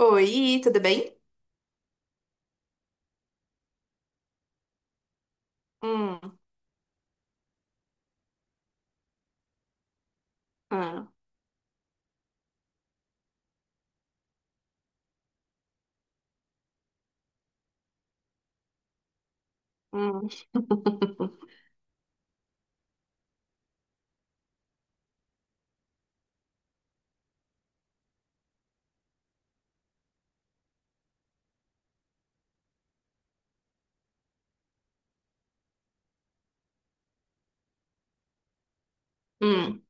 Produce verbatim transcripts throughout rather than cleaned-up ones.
Oi, tudo bem? Hum, ah, hum, hum,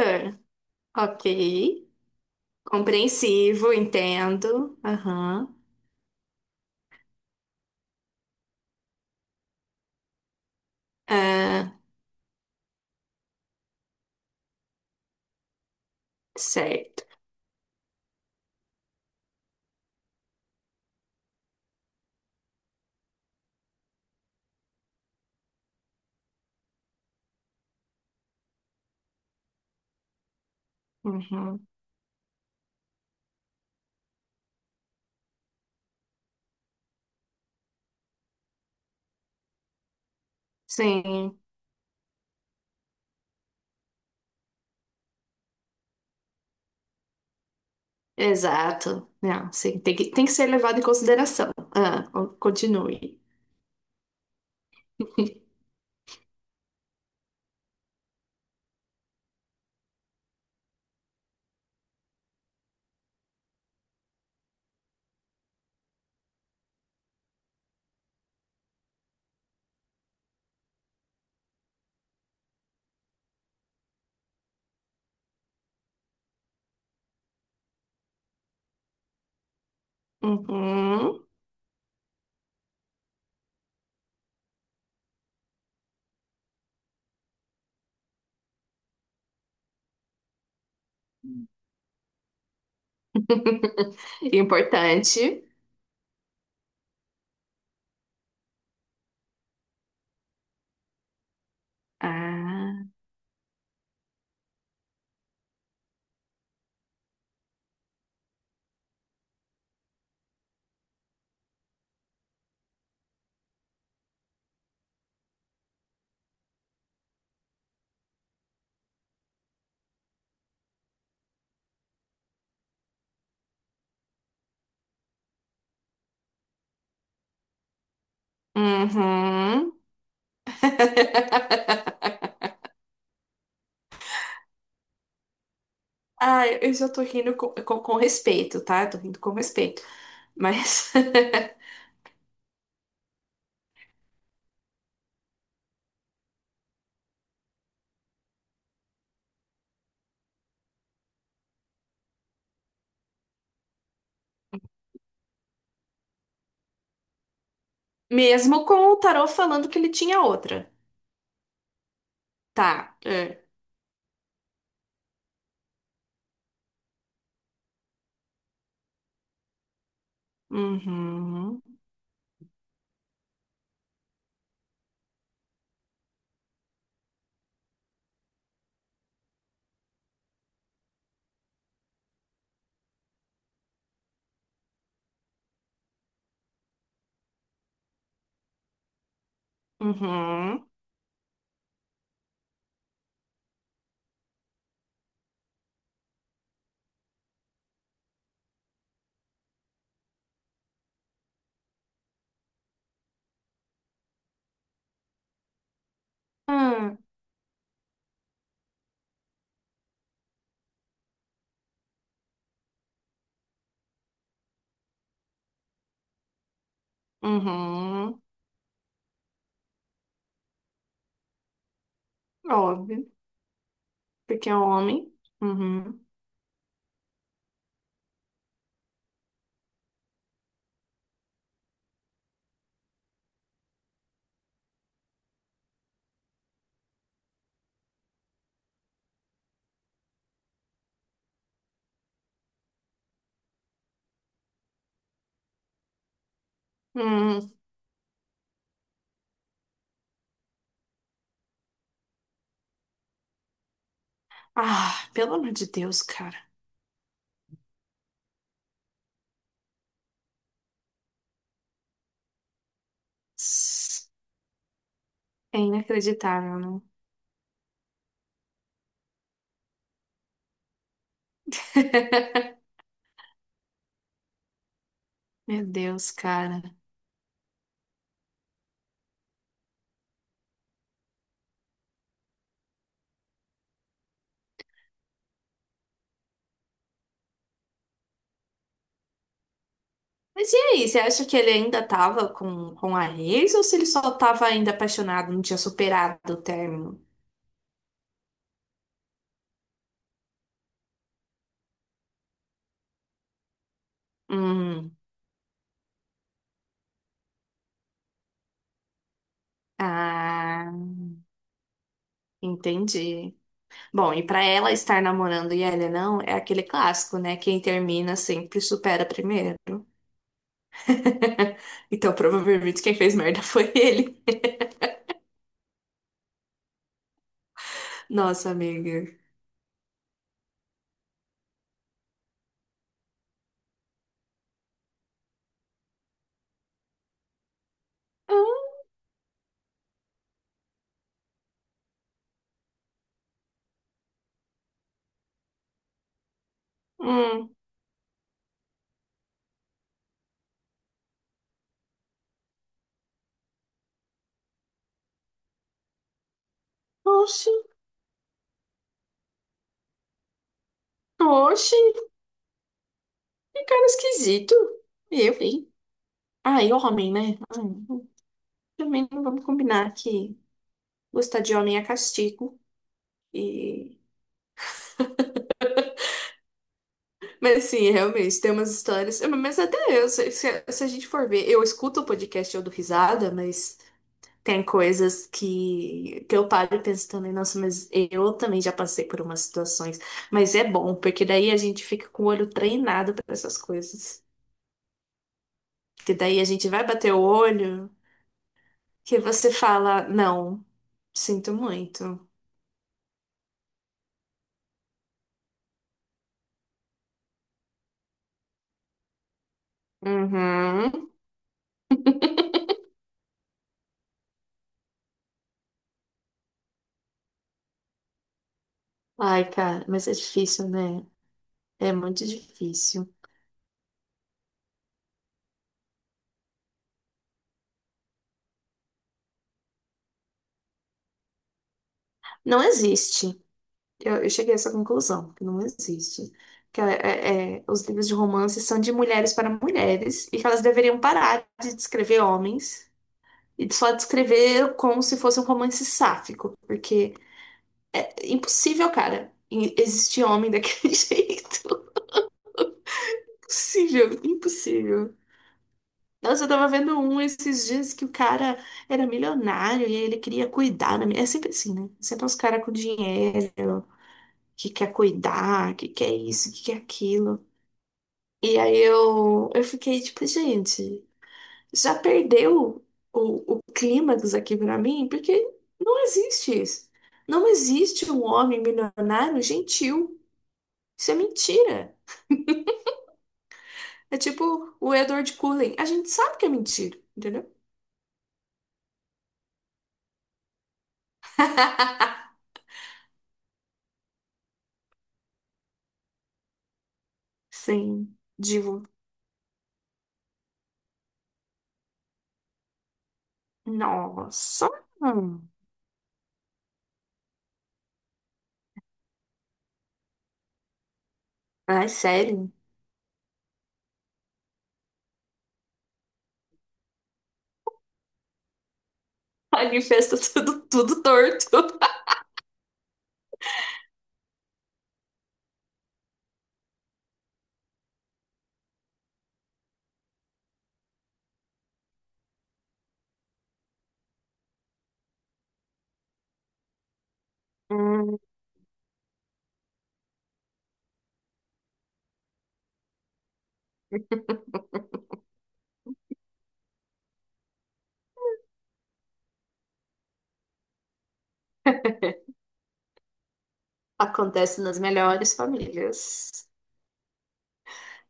ah, ok. Compreensivo, entendo. Aham. Ah, certo. Uhum. Sim, exato. Não, sim, tem que, tem que ser levado em consideração. Ah, con- continue. Uhum. Importante. Ah, uhum. Ah, eu já tô rindo com, com, com respeito, tá? Eu tô rindo com respeito. Mas, mesmo com o tarô falando que ele tinha outra. Tá. É. Uhum. Uhum. Hum. Uhum. Óbvio. Porque é homem. Uhum. Hum. Ah, pelo amor de Deus, cara. É inacreditável, né? Meu Deus, cara. Mas e aí, você acha que ele ainda tava com, com a ex, ou se ele só tava ainda apaixonado, não tinha superado o término? Hum, ah, entendi. Bom, e pra ela estar namorando e ele não, é aquele clássico, né? Quem termina sempre supera primeiro. Então, provavelmente quem fez merda foi ele. Nossa, amiga. Hum, hum. Oxe, oxe, que cara esquisito. Eu, hein? Ai, homem, né? Ai, também não vamos combinar que gostar de homem é castigo. E... mas sim, é, realmente, tem umas histórias. É, mas até eu, se, se- se a gente for ver, eu escuto o podcast, eu dou risada, mas tem coisas que, que eu paro e penso também, nossa, mas eu também já passei por umas situações. Mas é bom, porque daí a gente fica com o olho treinado para essas coisas. Que daí a gente vai bater o olho, que você fala, não, sinto muito. Uhum. Ai, cara, mas é difícil, né? É muito difícil. Não existe. Eu, eu cheguei a essa conclusão, que não existe. Que é, é, é, os livros de romance são de mulheres para mulheres, e que elas deveriam parar de descrever homens e só descrever como se fosse um romance sáfico, porque é impossível, cara, em- existir homem daquele jeito. Impossível, impossível. Nossa, eu tava vendo um esses dias que o cara era milionário, e aí ele queria cuidar da minha. É sempre assim, né? Sempre os caras com dinheiro, que quer cuidar, que quer isso, que quer aquilo. E aí eu, eu fiquei tipo, gente, já perdeu o, o clímax aqui pra mim, porque não existe isso. Não existe um homem milionário gentil. Isso é mentira. É tipo o Edward Cullen. A gente sabe que é mentira, entendeu? Sim, divo. Nossa. Hum. Ai, sério. Manifesta tudo, tudo torto. Hum. Acontece nas melhores famílias.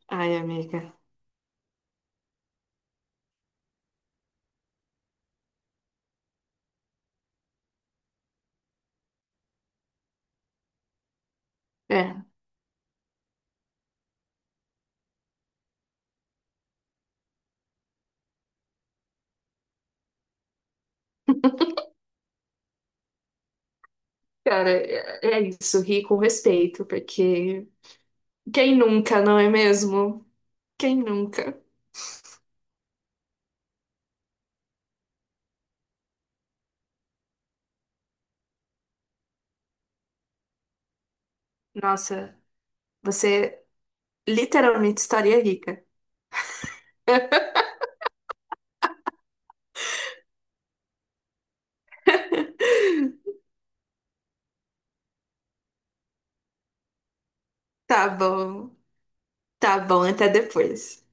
Ai, amiga. É, cara, é é isso. Ri com respeito, porque quem nunca, não é mesmo? Quem nunca? Nossa, você literalmente estaria rica. Tá bom, tá bom, até depois.